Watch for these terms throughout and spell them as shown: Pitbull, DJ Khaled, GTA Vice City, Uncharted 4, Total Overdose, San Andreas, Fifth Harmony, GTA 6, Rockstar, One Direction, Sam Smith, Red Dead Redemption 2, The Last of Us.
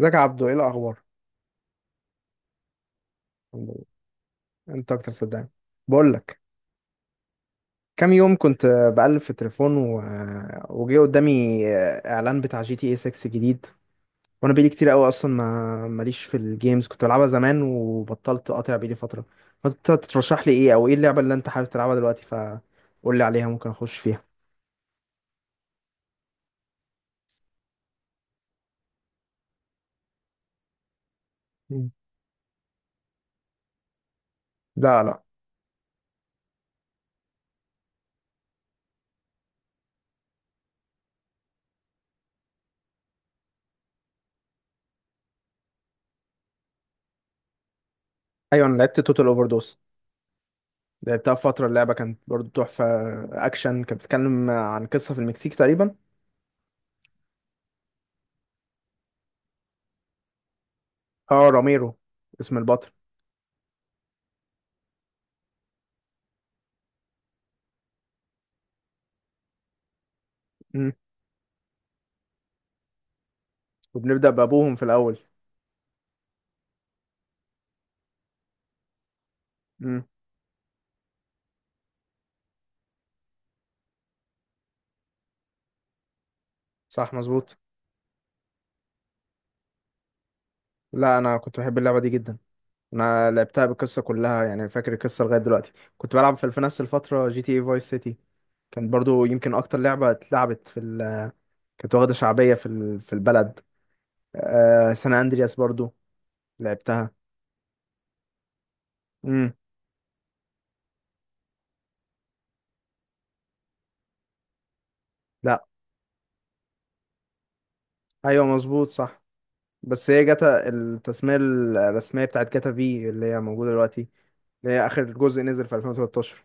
ازيك يا عبدو؟ ايه الاخبار؟ الحمد لله. انت اكتر، صدقني. بقول لك، كام يوم كنت بقلب في التليفون وجه قدامي اعلان بتاع جي تي اي 6 جديد. وانا بقالي كتير قوي اصلا ما ماليش في الجيمز، كنت بلعبها زمان وبطلت، قاطع بقالي فتره. فانت ترشح لي ايه؟ او ايه اللعبه اللي انت حابب تلعبها دلوقتي؟ فقول لي عليها، ممكن اخش فيها. مم. لا، لا. ايوه، انا لعبت توتال اوفر دوس، لعبتها فتره. اللعبه كانت برضو تحفه، اكشن، كانت بتتكلم عن قصه في المكسيك تقريبا. اه، راميرو اسم البطل. وبنبدأ بأبوهم في الأول. امم. صح، مظبوط. لا، أنا كنت بحب اللعبة دي جدا. أنا لعبتها بالقصة كلها، يعني فاكر القصة لغاية دلوقتي. كنت بلعب في نفس الفترة جي تي اي فايس سيتي، كانت برضو يمكن أكتر لعبة اتلعبت في كانت واخدة شعبية في في البلد. سان أندرياس برضو لعبتها. امم. لا. أيوة، مظبوط، صح. بس هي جاتا التسمية الرسمية بتاعت جاتا في اللي هي موجودة دلوقتي، اللي هي آخر جزء نزل في 2013.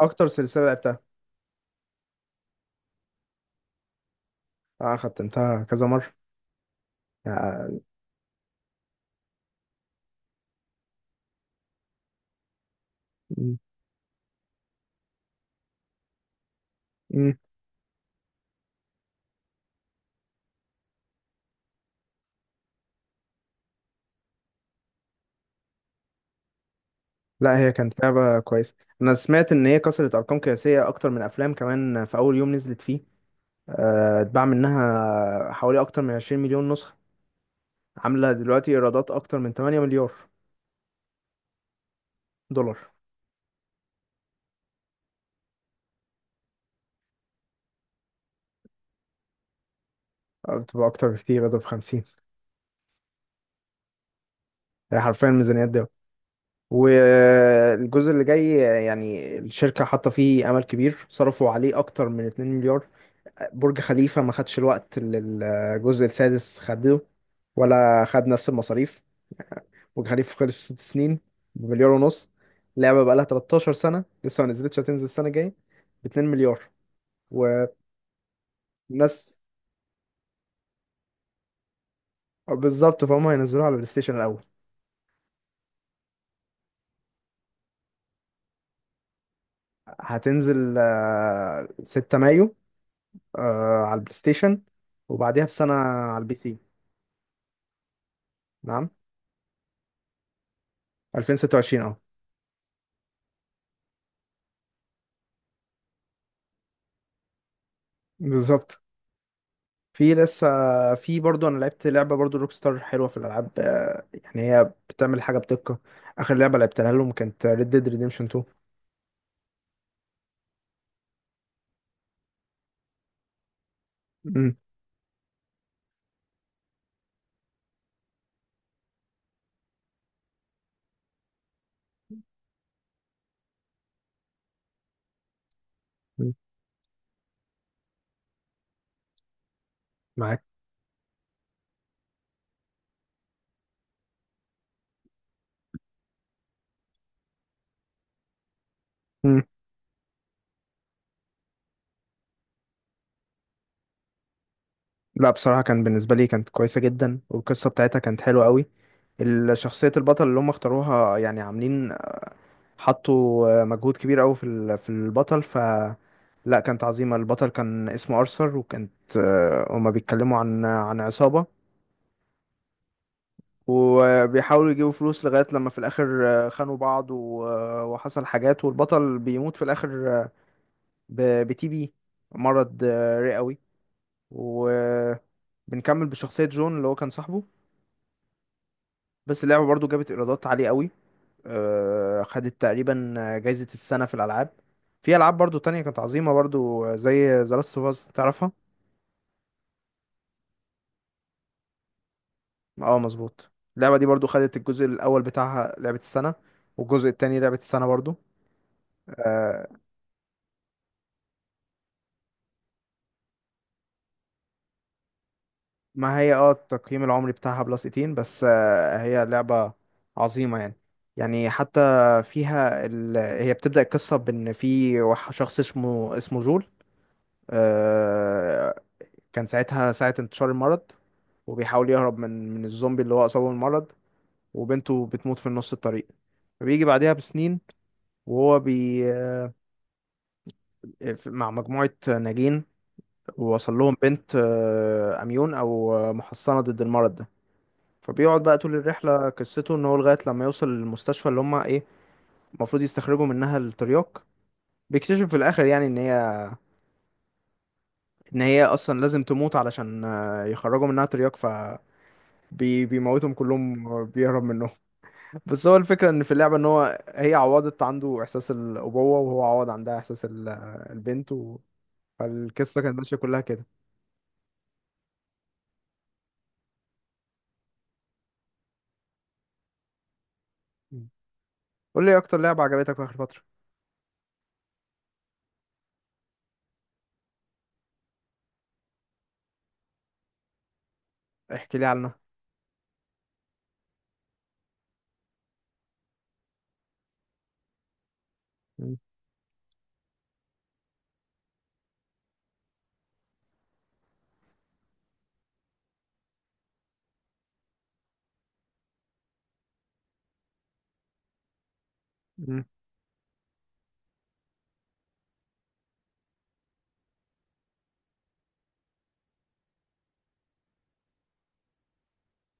أكتر سلسلة لعبتها. أنا ختمتها كذا مرة يعني. مم. مم. لا، هي كانت لعبة كويسة. أنا سمعت إن هي كسرت أرقام قياسية أكتر من أفلام كمان في أول يوم نزلت فيه. اتباع منها حوالي أكتر من 20 مليون نسخة. عاملة دلوقتي إيرادات أكتر من 8 مليار دولار. بتبقى أكتر بكتير، ده ب 50. هي حرفيا ميزانيات ده. والجزء اللي جاي يعني الشركة حاطة فيه أمل كبير، صرفوا عليه أكتر من 2 مليار. برج خليفة ما خدش الوقت اللي الجزء السادس خده، ولا خد نفس المصاريف. وكان خليفه خلص في ست سنين بمليار ونص. اللعبه بقى لها 13 سنه لسه ما نزلتش، هتنزل السنه الجايه ب 2 مليار. والناس، بالظبط. فهم هينزلوها على البلاي ستيشن الاول. هتنزل 6 مايو على البلاي ستيشن، وبعديها بسنه على البي سي. نعم. 2026، اه، بالظبط. في لسه، في برضو. انا لعبت لعبه برضو روك ستار حلوه في الالعاب، يعني هي بتعمل حاجه بدقه. اخر لعبه لعبتها لهم كانت ريد ديد ريديمشن 2. امم. معاك. لا بصراحة، كان بالنسبة لي كانت كويسة جدا، والقصة بتاعتها كانت حلوة قوي. شخصية البطل اللي هم اختاروها، يعني عاملين، حطوا مجهود كبير قوي في في البطل. ف لا، كانت عظيمة. البطل كان اسمه أرثر. وكانت هما بيتكلموا عن عصابة، وبيحاولوا يجيبوا فلوس لغاية لما في الآخر خانوا بعض وحصل حاجات، والبطل بيموت في الآخر بتي بي مرض رئوي. وبنكمل بشخصية جون اللي هو كان صاحبه. بس اللعبة برضو جابت ايرادات عالية قوي. خدت تقريبا جايزة السنة في الألعاب. في ألعاب برضو تانية كانت عظيمة برضو، زي The Last of Us، تعرفها؟ اه، مظبوط. اللعبة دي برضو خدت الجزء الأول بتاعها لعبة السنة، والجزء التاني لعبة السنة برضو. آه، ما هي اه التقييم العمري بتاعها بلس 18 بس، هي لعبة عظيمة يعني. يعني حتى فيها هي بتبدأ القصة بإن في شخص اسمه جول. آه، كان ساعتها ساعة انتشار المرض، وبيحاول يهرب من الزومبي اللي هو أصابه بالمرض، وبنته بتموت في نص الطريق. فبيجي بعدها بسنين، وهو مع مجموعة ناجين، ووصل لهم بنت أميون، أو محصنة ضد المرض ده. فبيقعد بقى طول الرحلة، قصته إن هو لغاية لما يوصل للمستشفى اللي هما إيه المفروض يستخرجوا منها الترياق. بيكتشف في الآخر يعني إن هي أصلا لازم تموت علشان يخرجوا منها ترياق. ف بيموتهم كلهم، بيهرب منهم. بس هو الفكرة ان في اللعبة ان هو هي عوضت عنده احساس الابوة، وهو عوض عندها احساس البنت فالقصة كانت ماشية كلها كده. مم. قول لي إيه اكتر لعبة عجبتك في اخر فترة؟ احكي لي عنها. مم. مم.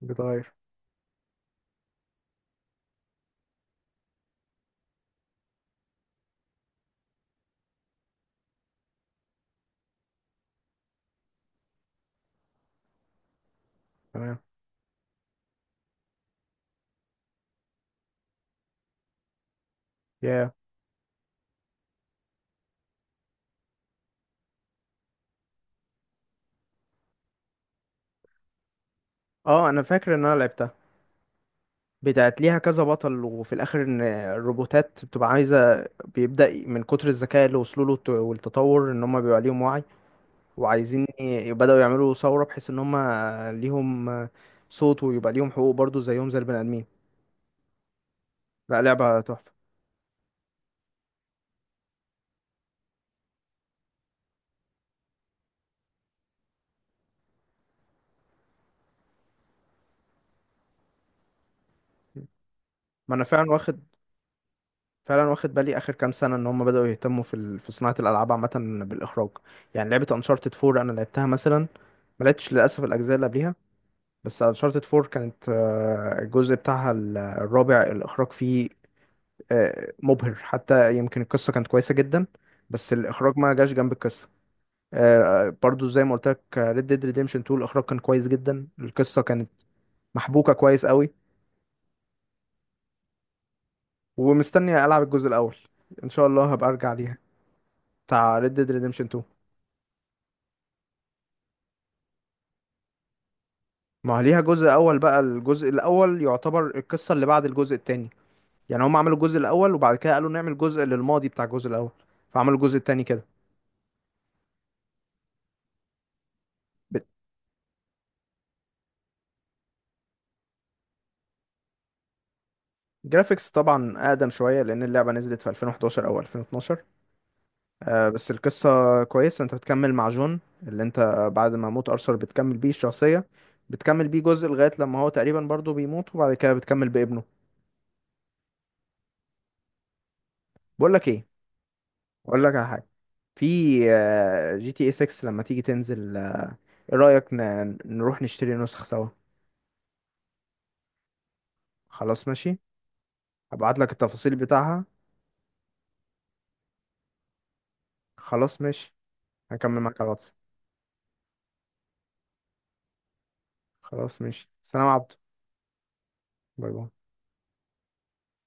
بتغير. تمام. يا. اه، انا فاكر ان انا لعبتها، بتاعت ليها كذا بطل، وفي الاخر ان الروبوتات بتبقى عايزة. بيبدأ من كتر الذكاء اللي وصلوا له والتطور ان هم بيبقى ليهم وعي، وعايزين بدأوا يعملوا ثورة بحيث ان هم ليهم صوت، ويبقى ليهم حقوق برضو زيهم زي البني ادمين. لا، لعبة تحفة. ما انا فعلا واخد، فعلا واخد بالي اخر كام سنة ان هم بدأوا يهتموا في في صناعة الالعاب عامة بالاخراج. يعني لعبة انشارتد 4 انا لعبتها مثلا، ما لعبتش للاسف الاجزاء اللي قبليها. بس انشارتد 4 كانت الجزء بتاعها الرابع، الاخراج فيه مبهر، حتى يمكن القصة كانت كويسة جدا بس الاخراج ما جاش جنب القصة. برضو زي ما قلت لك ريد ديد ريديمشن 2، الاخراج كان كويس جدا، القصة كانت محبوكة كويس قوي. ومستني العب الجزء الاول، ان شاء الله هبقى ارجع ليها، بتاع Red Dead Redemption 2. ما ليها جزء اول بقى، الجزء الاول يعتبر القصه اللي بعد الجزء التاني. يعني هم عملوا الجزء الاول وبعد كده قالوا نعمل جزء للماضي بتاع الجزء الاول، فعملوا الجزء التاني كده. بت- الجرافيكس طبعا اقدم شويه لان اللعبه نزلت في 2011 او 2012. آه، بس القصه كويسه، انت بتكمل مع جون اللي انت، بعد ما موت ارثر بتكمل بيه الشخصيه، بتكمل بيه جزء لغايه لما هو تقريبا برضه بيموت، وبعد كده بتكمل بابنه. بقول لك ايه، اقول لك على حاجه. في جي تي اي 6 لما تيجي تنزل، ايه رأيك نروح نشتري نسخ سوا؟ خلاص، ماشي. هبعت لك التفاصيل بتاعها، خلاص ماشي. هكمل معاك على الواتس. خلاص، ماشي. سلام يا عبدو. باي باي.